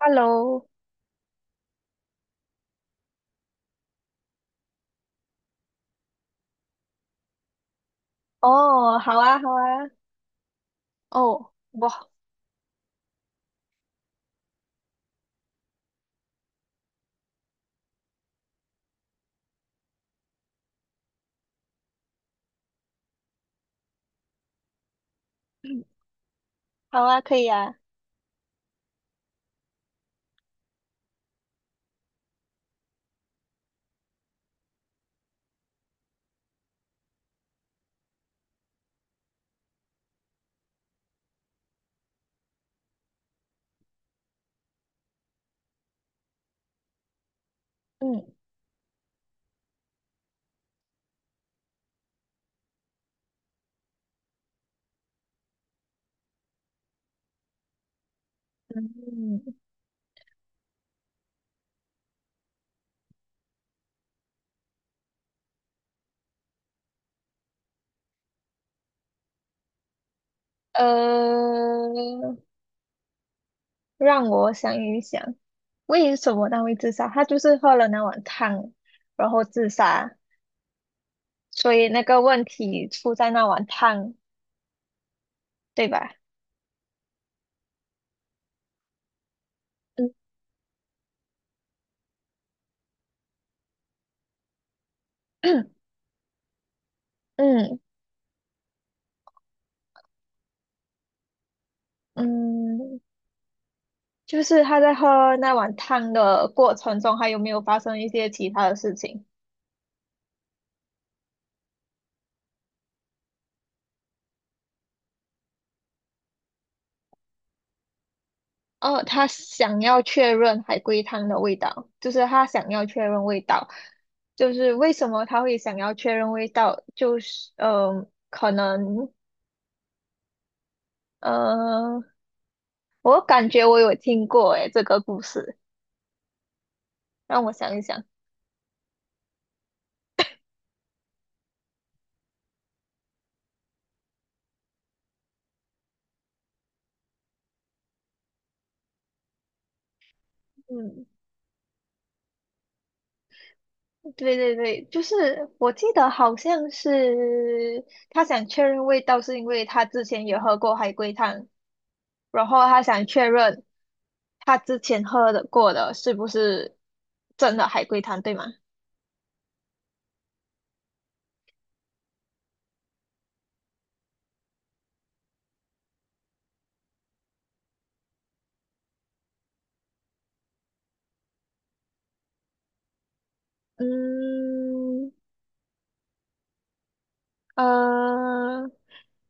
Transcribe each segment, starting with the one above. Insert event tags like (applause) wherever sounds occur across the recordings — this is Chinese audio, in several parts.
Hello，哦，好啊，好啊，哦，哇，好啊，可以啊，嗯，嗯，呃，让我想一想，为什么他会自杀？他就是喝了那碗汤，然后自杀，所以那个问题出在那碗汤，对吧？嗯 (clears throat)，嗯嗯，就是他在喝那碗汤的过程中，还有没有发生一些其他的事情？哦，他想要确认海龟汤的味道，就是他想要确认味道，就是为什么他会想要确认味道，就是可能嗯，我感觉我有听过诶这个故事，让我想一想，嗯，对对对，就是我记得好像是他想确认味道，是因为他之前也喝过海龟汤，然后他想确认他之前喝的过的是不是真的海龟汤，对吗？嗯，呃，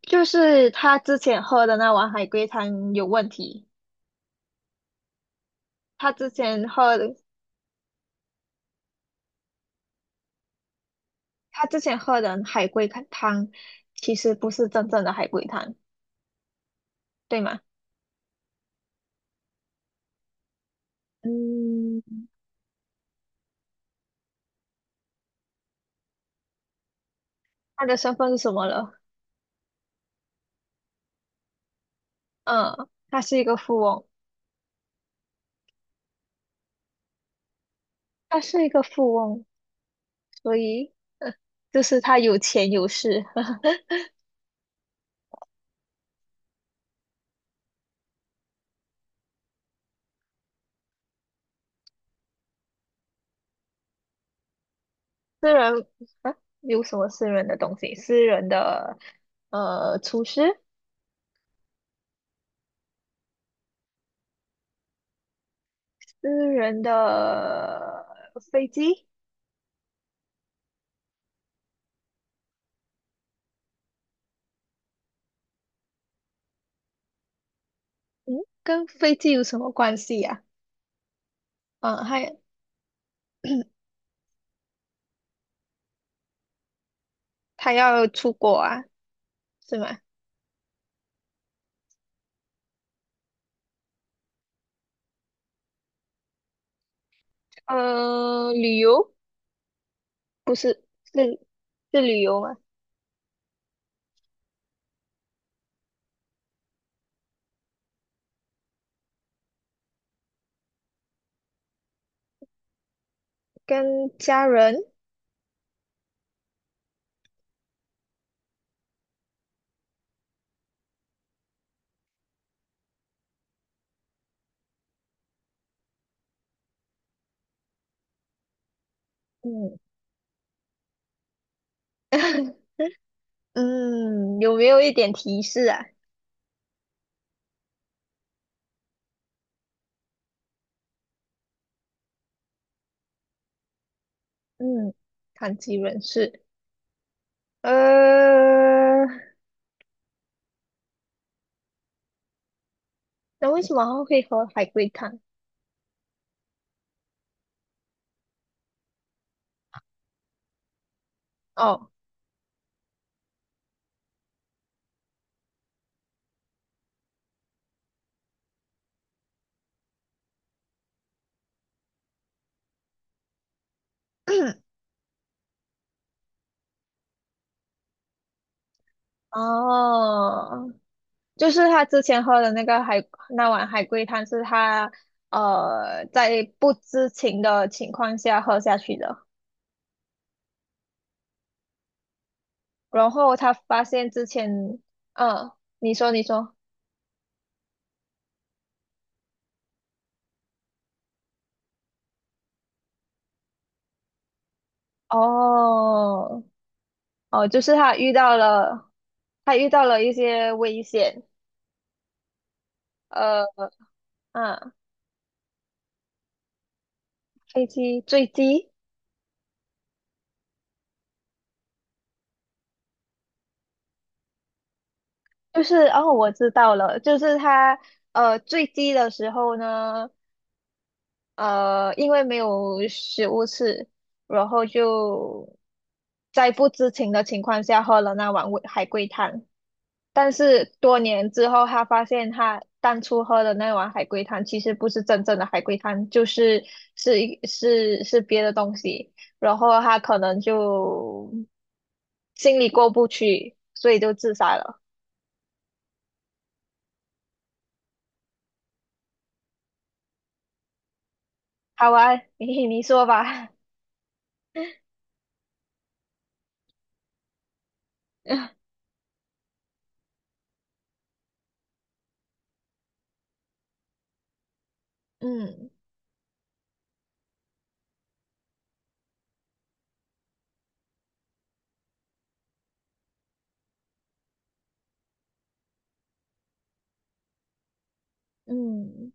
就是他之前喝的那碗海龟汤有问题。他之前喝的，他之前喝的海龟汤其实不是真正的海龟汤，对吗？嗯，他的身份是什么了？嗯，他是一个富翁，他是一个富翁，所以就是他有钱有势，(laughs) 私人啊，有什么私人的东西？私人的厨师。私人的飞机，嗯，跟飞机有什么关系呀、嗯，他要出国啊，是吗？旅游不是是是旅游吗？跟家人，嗯 (laughs) 嗯，有没有一点提示啊？嗯，残疾人士，呃，那为什么它会喝海龟汤？哦哦，就是他之前喝的那个海，那碗海龟汤是他在不知情的情况下喝下去的，然后他发现之前，嗯，你说你说，哦哦，就是他遇到了，他遇到了一些危险，呃，嗯，飞机坠机，就是哦，我知道了，就是他坠机的时候呢。因为没有食物吃，然后就在不知情的情况下喝了那碗味海龟汤。但是多年之后，他发现他当初喝的那碗海龟汤其实不是真正的海龟汤，就是是一是是别的东西。然后他可能就心里过不去，所以就自杀了。好啊，你说吧。(laughs) 嗯嗯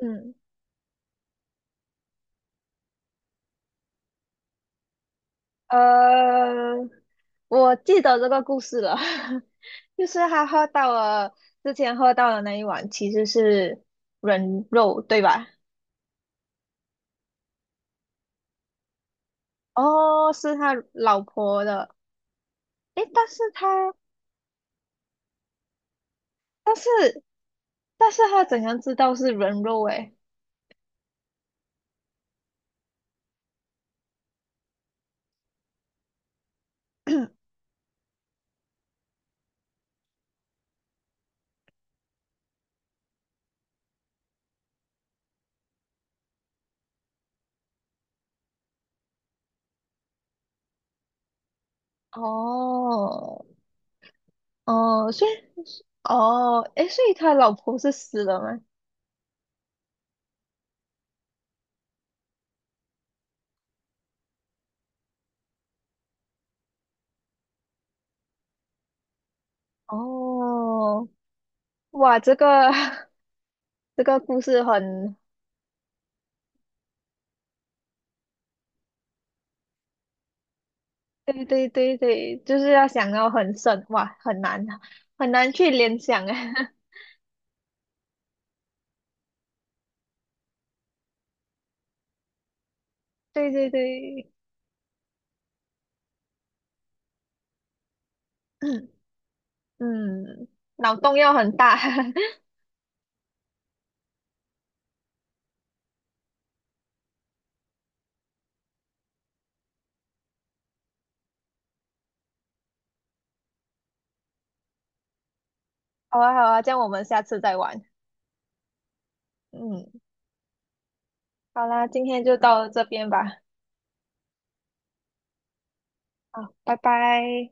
嗯。呃，我记得这个故事了，(laughs) 就是他喝到了之前喝到的那一碗其实是人肉，对吧？哦，是他老婆的，诶，但是他，但是，但是他怎样知道是人肉？诶，哦，哦，所以，哦，诶，所以他老婆是死了吗？哦，哇，这个 (laughs) 这个故事很对对对对，就是要想到很深，哇，很难很难去联想啊。(laughs) 对对对，(clears throat) 嗯，脑洞要很大。(laughs) 好啊好啊，这样我们下次再玩。嗯，好啦，今天就到这边吧。好，拜拜。